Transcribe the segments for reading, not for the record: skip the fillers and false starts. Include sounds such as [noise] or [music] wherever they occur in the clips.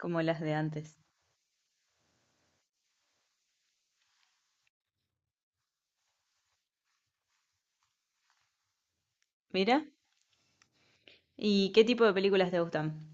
Como las de antes. Mira, ¿y qué tipo de películas te gustan?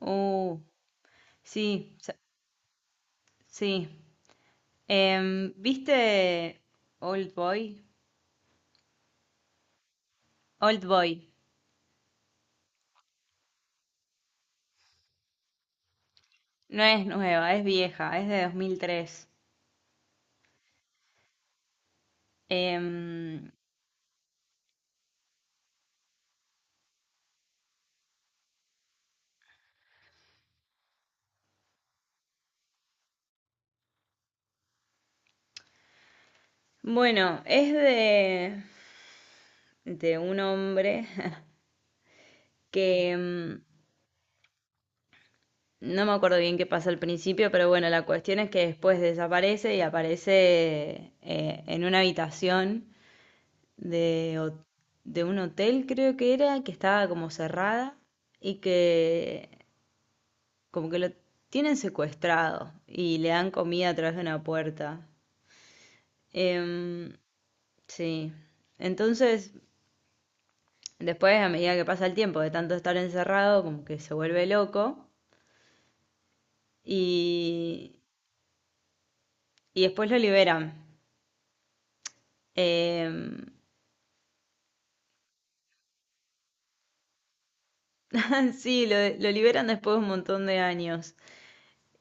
Uh, sí, sí. ¿Viste Old Boy? Old Boy. No es nueva, es vieja, es de 2003. Em, bueno, es de un hombre [laughs] que no me acuerdo bien qué pasa al principio, pero bueno, la cuestión es que después desaparece y aparece en una habitación. de, ho- de un hotel, creo que era, que estaba como cerrada y que como que lo tienen secuestrado y le dan comida a través de una puerta. Em, sí, entonces después a medida que pasa el tiempo de tanto estar encerrado, como que se vuelve loco y, y después lo liberan. Em, [laughs] sí, lo liberan después de un montón de años.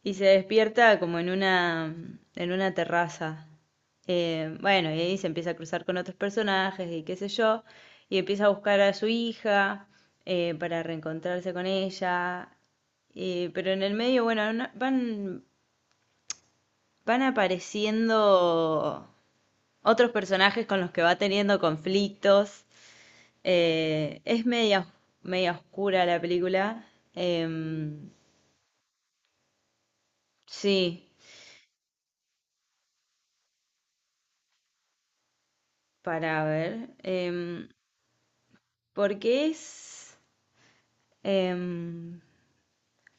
Y se despierta como en una terraza. Bueno, y ahí se empieza a cruzar con otros personajes y qué sé yo, y empieza a buscar a su hija para reencontrarse con ella. Pero en el medio, bueno, van apareciendo otros personajes con los que va teniendo conflictos. Es media oscura la película. Em, sí, para ver. Porque es... em,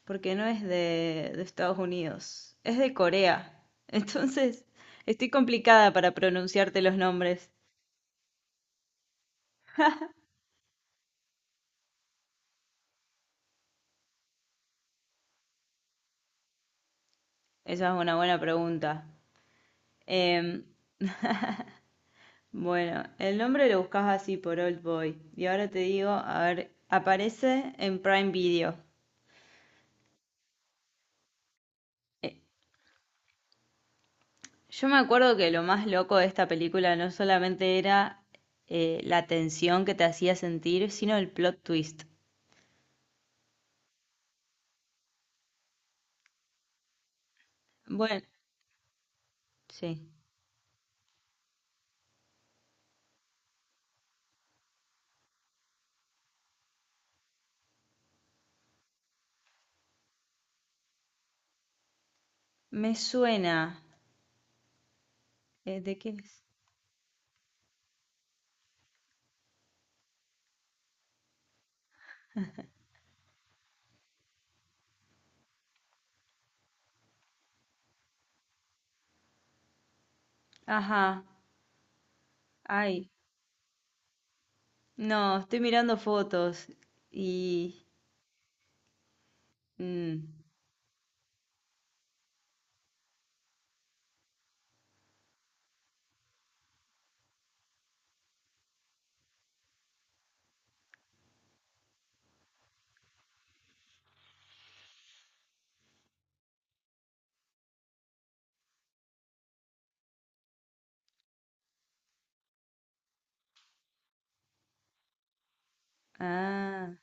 porque no es de Estados Unidos, es de Corea. [laughs] Entonces, estoy complicada para pronunciarte los nombres. Esa es una buena pregunta. Em, bueno, el nombre lo buscas así por Old Boy. Y ahora te digo, a ver, aparece en Prime Video. Eh, yo me acuerdo que lo más loco de esta película no solamente era la tensión que te hacía sentir, sino el plot twist. Bueno, sí. Me suena. ¿Eh, de qué es? Ajá. Ay. No, estoy mirando fotos. Y. Mm, ah.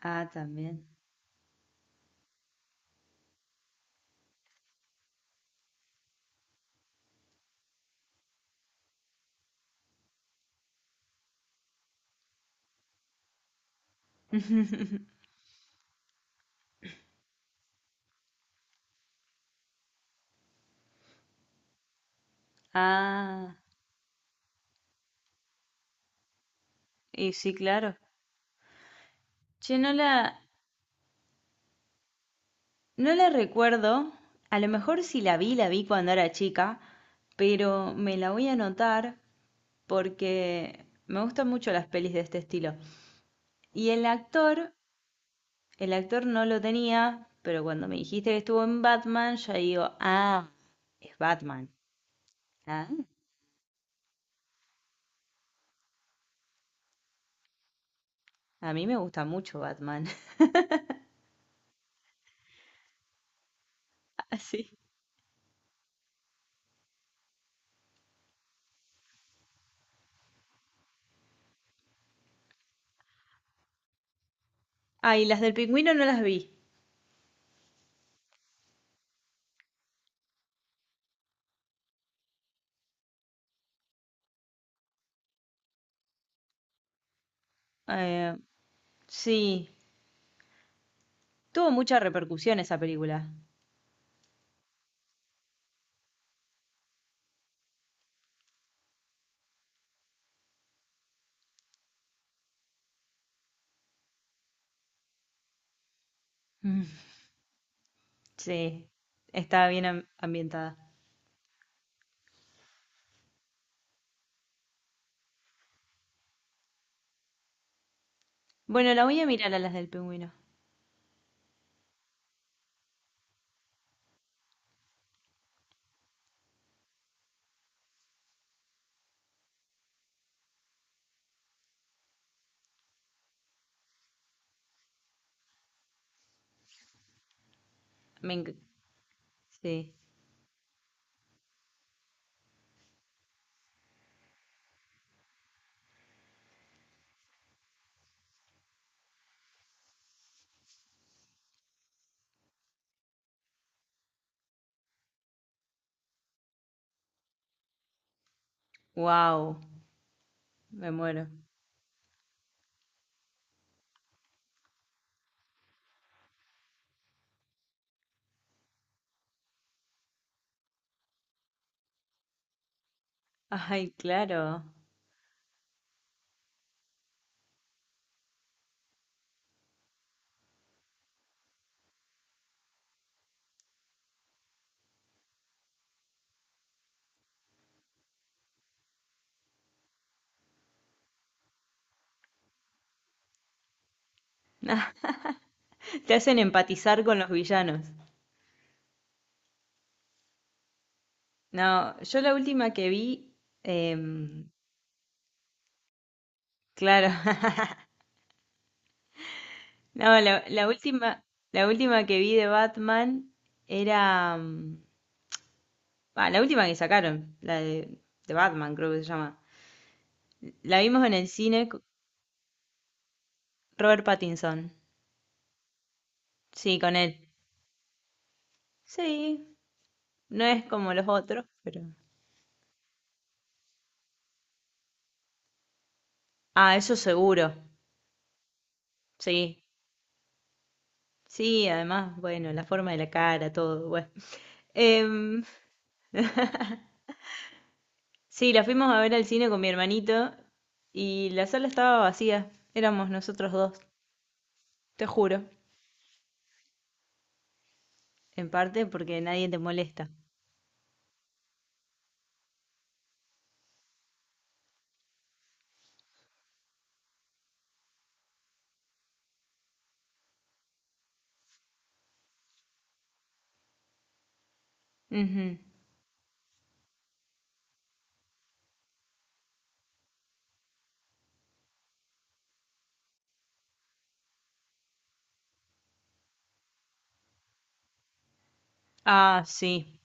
Ah, también. Ah. Y sí, claro. Che, no la. No la recuerdo. A lo mejor si la vi, la vi cuando era chica. Pero me la voy a anotar porque me gustan mucho las pelis de este estilo. Y el actor. El actor no lo tenía, pero cuando me dijiste que estuvo en Batman, ya digo, ah, es Batman. Ah. A mí me gusta mucho Batman. [laughs] Así. Ah, y las del pingüino no las vi. Eh, sí, tuvo mucha repercusión esa película. Mm. Sí, estaba bien ambientada. Bueno, la voy a mirar a las del pingüino. Me enc- sí. Wow, me muero. Ay, claro. [laughs] Te hacen empatizar con los villanos. No, yo la última que vi, em, claro, [laughs] no, la última que vi de Batman era, ah, la última que sacaron, de Batman creo que se llama. La vimos en el cine, Robert Pattinson, sí, con él. Sí, no es como los otros, pero... Ah, eso seguro, sí, sí, además, bueno, la forma de la cara, todo, bueno. Em, [laughs] Sí, la fuimos a ver al cine con mi hermanito y la sala estaba vacía. Éramos nosotros dos, te juro. En parte porque nadie te molesta. Ujú. Ah, sí.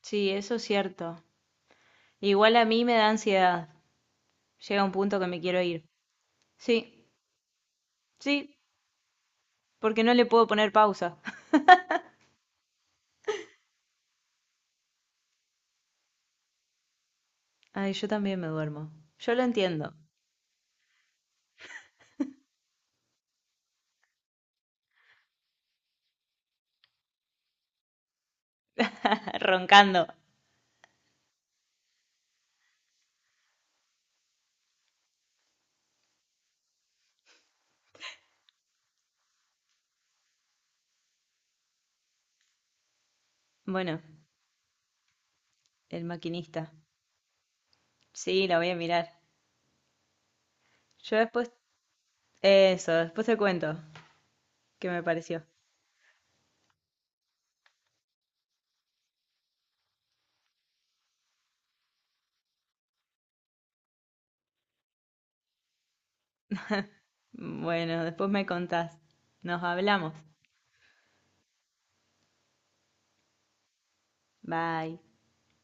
Sí, eso es cierto. Igual a mí me da ansiedad. Llega un punto que me quiero ir. Sí, sí, porque no le puedo poner pausa. [laughs] Ay, yo también me duermo. Yo lo entiendo. [laughs] Roncando. Bueno, el maquinista. Sí, la voy a mirar. Yo después... Eso, después te cuento qué me pareció. Bueno, después me contás. Nos hablamos. Bye.